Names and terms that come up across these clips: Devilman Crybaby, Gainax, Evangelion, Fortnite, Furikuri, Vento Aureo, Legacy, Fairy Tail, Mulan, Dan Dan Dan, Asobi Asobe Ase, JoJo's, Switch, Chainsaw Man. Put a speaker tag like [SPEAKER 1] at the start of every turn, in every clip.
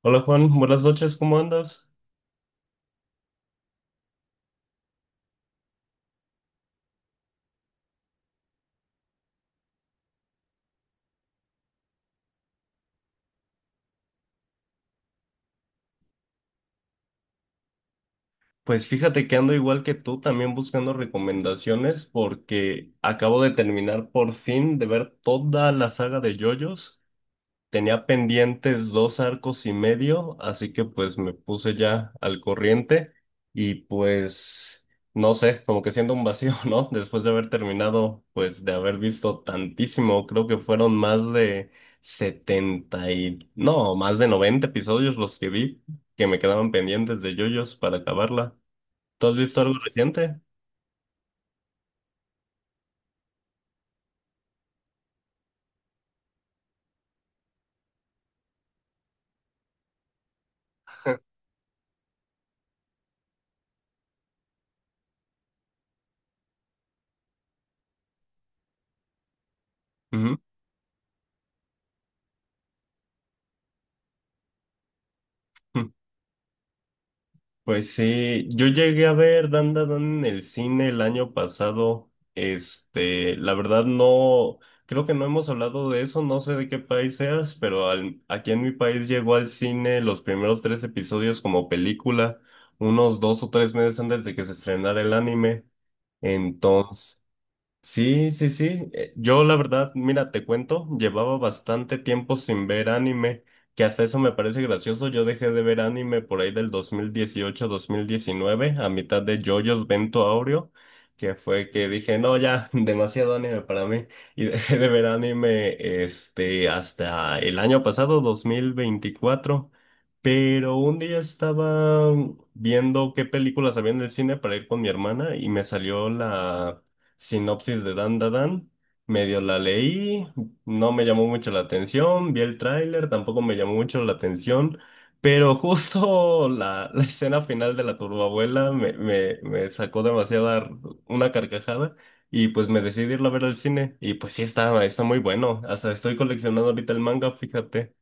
[SPEAKER 1] Hola Juan, buenas noches, ¿cómo andas? Pues fíjate que ando igual que tú, también buscando recomendaciones porque acabo de terminar por fin de ver toda la saga de JoJo's. Tenía pendientes dos arcos y medio, así que pues me puse ya al corriente y pues no sé, como que siento un vacío, ¿no? Después de haber terminado, pues de haber visto tantísimo, creo que fueron más de 70 y no, más de 90 episodios los que vi que me quedaban pendientes de JoJo's para acabarla. ¿Tú has visto algo reciente? Ujú. Pues sí, yo llegué a ver Dan Dan Dan en el cine el año pasado. Este, la verdad no, creo que no hemos hablado de eso, no sé de qué país seas, pero aquí en mi país llegó al cine los primeros tres episodios como película, unos 2 o 3 meses antes de que se estrenara el anime. Entonces, sí, sí, sí. Yo la verdad, mira, te cuento, llevaba bastante tiempo sin ver anime, que hasta eso me parece gracioso. Yo dejé de ver anime por ahí del 2018-2019, a mitad de JoJo's Vento Aureo, que fue que dije, no, ya, demasiado anime para mí. Y dejé de ver anime este, hasta el año pasado, 2024. Pero un día estaba viendo qué películas había en el cine para ir con mi hermana y me salió la sinopsis de Dan Da Dan. Medio la leí, no me llamó mucho la atención, vi el tráiler, tampoco me llamó mucho la atención, pero justo la escena final de la turbabuela me sacó una carcajada y pues me decidí irla a ver al cine y pues sí está muy bueno, hasta estoy coleccionando ahorita el manga, fíjate.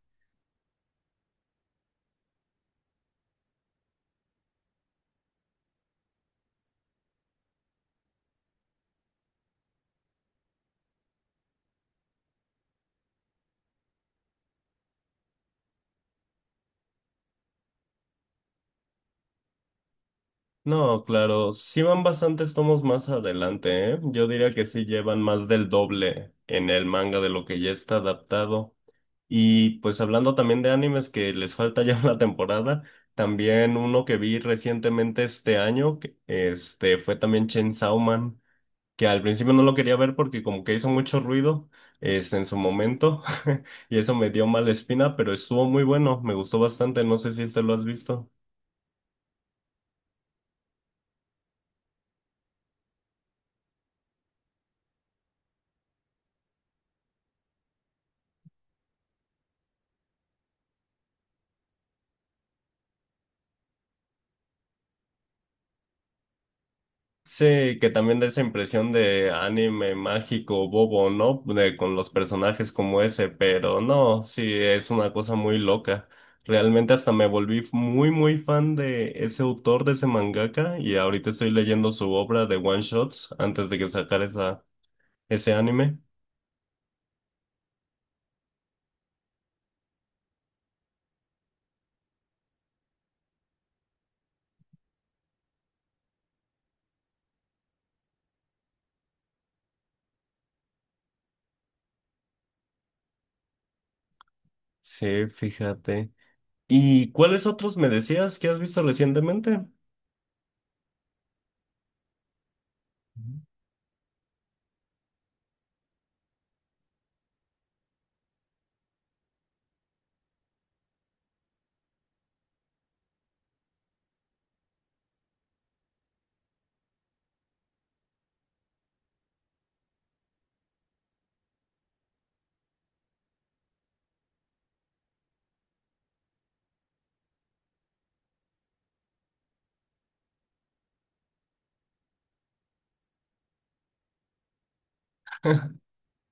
[SPEAKER 1] No, claro, sí van bastantes tomos más adelante, ¿eh? Yo diría que sí llevan más del doble en el manga de lo que ya está adaptado. Y pues hablando también de animes que les falta ya una temporada, también uno que vi recientemente este año, que, este, fue también Chainsaw Man, que al principio no lo quería ver porque como que hizo mucho ruido, es, en su momento, y eso me dio mala espina, pero estuvo muy bueno, me gustó bastante, no sé si este lo has visto. Sí, que también da esa impresión de anime mágico bobo, ¿no? De, con los personajes como ese, pero no, sí, es una cosa muy loca. Realmente hasta me volví muy, muy fan de ese autor, de ese mangaka, y ahorita estoy leyendo su obra de One Shots antes de que sacara esa, ese anime. Sí, fíjate. ¿Y cuáles otros me decías que has visto recientemente?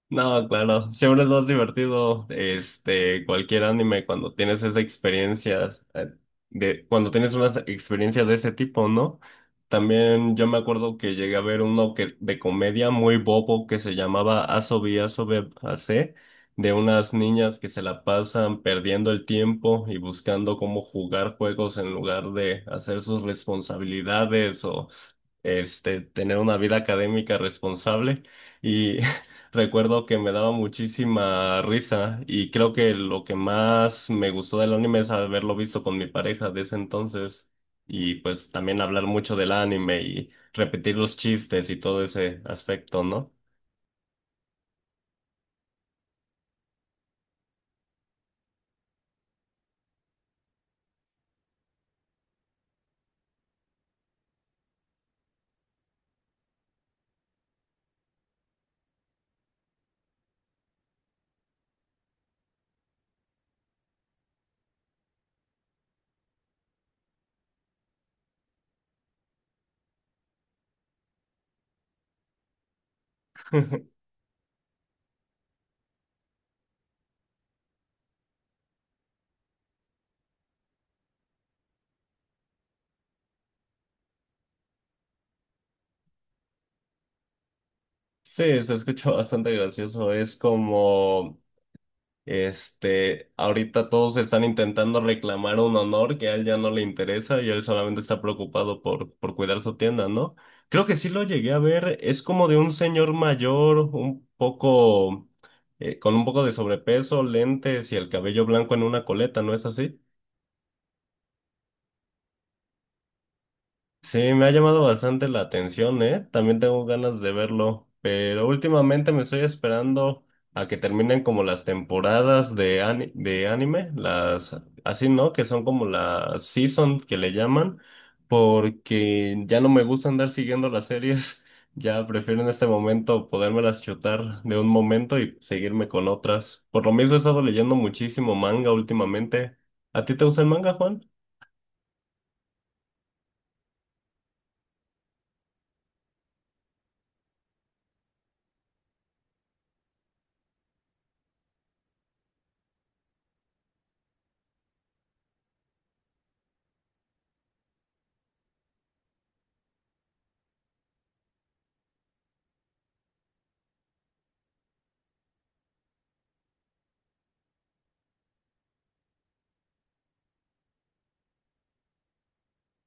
[SPEAKER 1] No, claro, siempre es más divertido, este, cualquier anime cuando tienes esa experiencia, de, cuando tienes una experiencia de ese tipo, ¿no? También yo me acuerdo que llegué a ver uno que, de comedia muy bobo que se llamaba Asobi Asobe Ase, de unas niñas que se la pasan perdiendo el tiempo y buscando cómo jugar juegos en lugar de hacer sus responsabilidades o este, tener una vida académica responsable y recuerdo que me daba muchísima risa y creo que lo que más me gustó del anime es haberlo visto con mi pareja de ese entonces y pues también hablar mucho del anime y repetir los chistes y todo ese aspecto, ¿no? Sí, se escucha bastante gracioso. Es como este, ahorita todos están intentando reclamar un honor que a él ya no le interesa y él solamente está preocupado por cuidar su tienda, ¿no? Creo que sí lo llegué a ver, es como de un señor mayor, un poco, con un poco de sobrepeso, lentes y el cabello blanco en una coleta, ¿no es así? Sí, me ha llamado bastante la atención, ¿eh? También tengo ganas de verlo, pero últimamente me estoy esperando a que terminen como las temporadas de anime, las así, ¿no? Que son como la season que le llaman, porque ya no me gusta andar siguiendo las series, ya prefiero en este momento podérmelas chutar de un momento y seguirme con otras. Por lo mismo he estado leyendo muchísimo manga últimamente. ¿A ti te gusta el manga, Juan?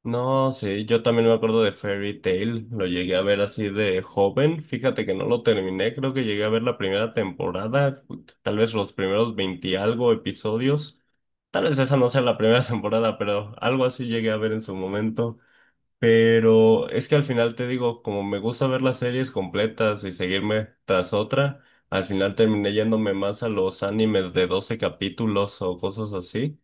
[SPEAKER 1] No, sí, yo también me acuerdo de Fairy Tail, lo llegué a ver así de joven, fíjate que no lo terminé, creo que llegué a ver la primera temporada, tal vez los primeros 20 y algo episodios, tal vez esa no sea la primera temporada, pero algo así llegué a ver en su momento, pero es que al final te digo, como me gusta ver las series completas y seguirme tras otra, al final terminé yéndome más a los animes de 12 capítulos o cosas así.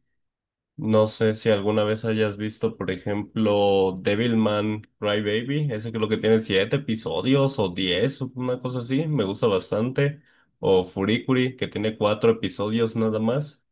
[SPEAKER 1] No sé si alguna vez hayas visto, por ejemplo, Devilman Crybaby, ese creo que tiene siete episodios o 10, o una cosa así, me gusta bastante. O Furikuri, que tiene cuatro episodios nada más.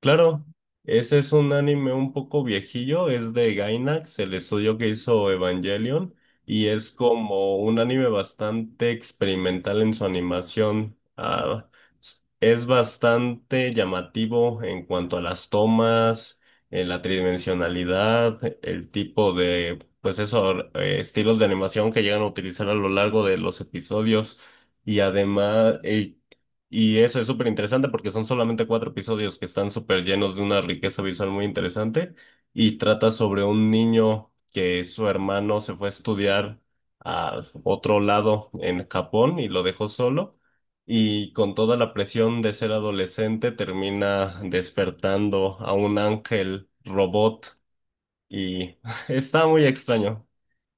[SPEAKER 1] Claro, ese es un anime un poco viejillo, es de Gainax, el estudio que hizo Evangelion, y es como un anime bastante experimental en su animación. Ah, es bastante llamativo en cuanto a las tomas, la tridimensionalidad, el tipo de, pues eso, estilos de animación que llegan a utilizar a lo largo de los episodios, y además, y eso es súper interesante porque son solamente cuatro episodios que están súper llenos de una riqueza visual muy interesante y trata sobre un niño que su hermano se fue a estudiar a otro lado en Japón y lo dejó solo y con toda la presión de ser adolescente termina despertando a un ángel robot y está muy extraño.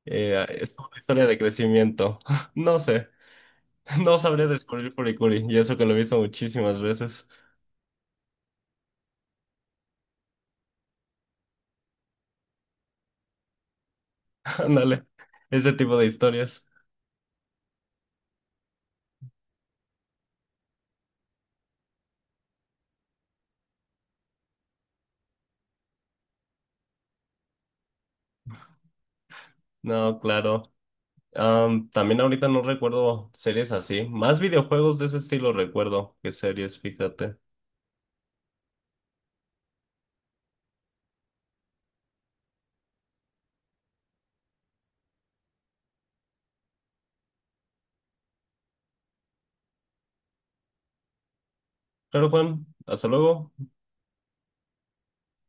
[SPEAKER 1] Es como una historia de crecimiento. No sé. No sabría descubrir Furikuri, y eso que lo he visto muchísimas veces. Ándale, ese tipo de historias. No, claro. Am, también ahorita no recuerdo series así. Más videojuegos de ese estilo recuerdo que series, fíjate. Claro, Juan, hasta luego.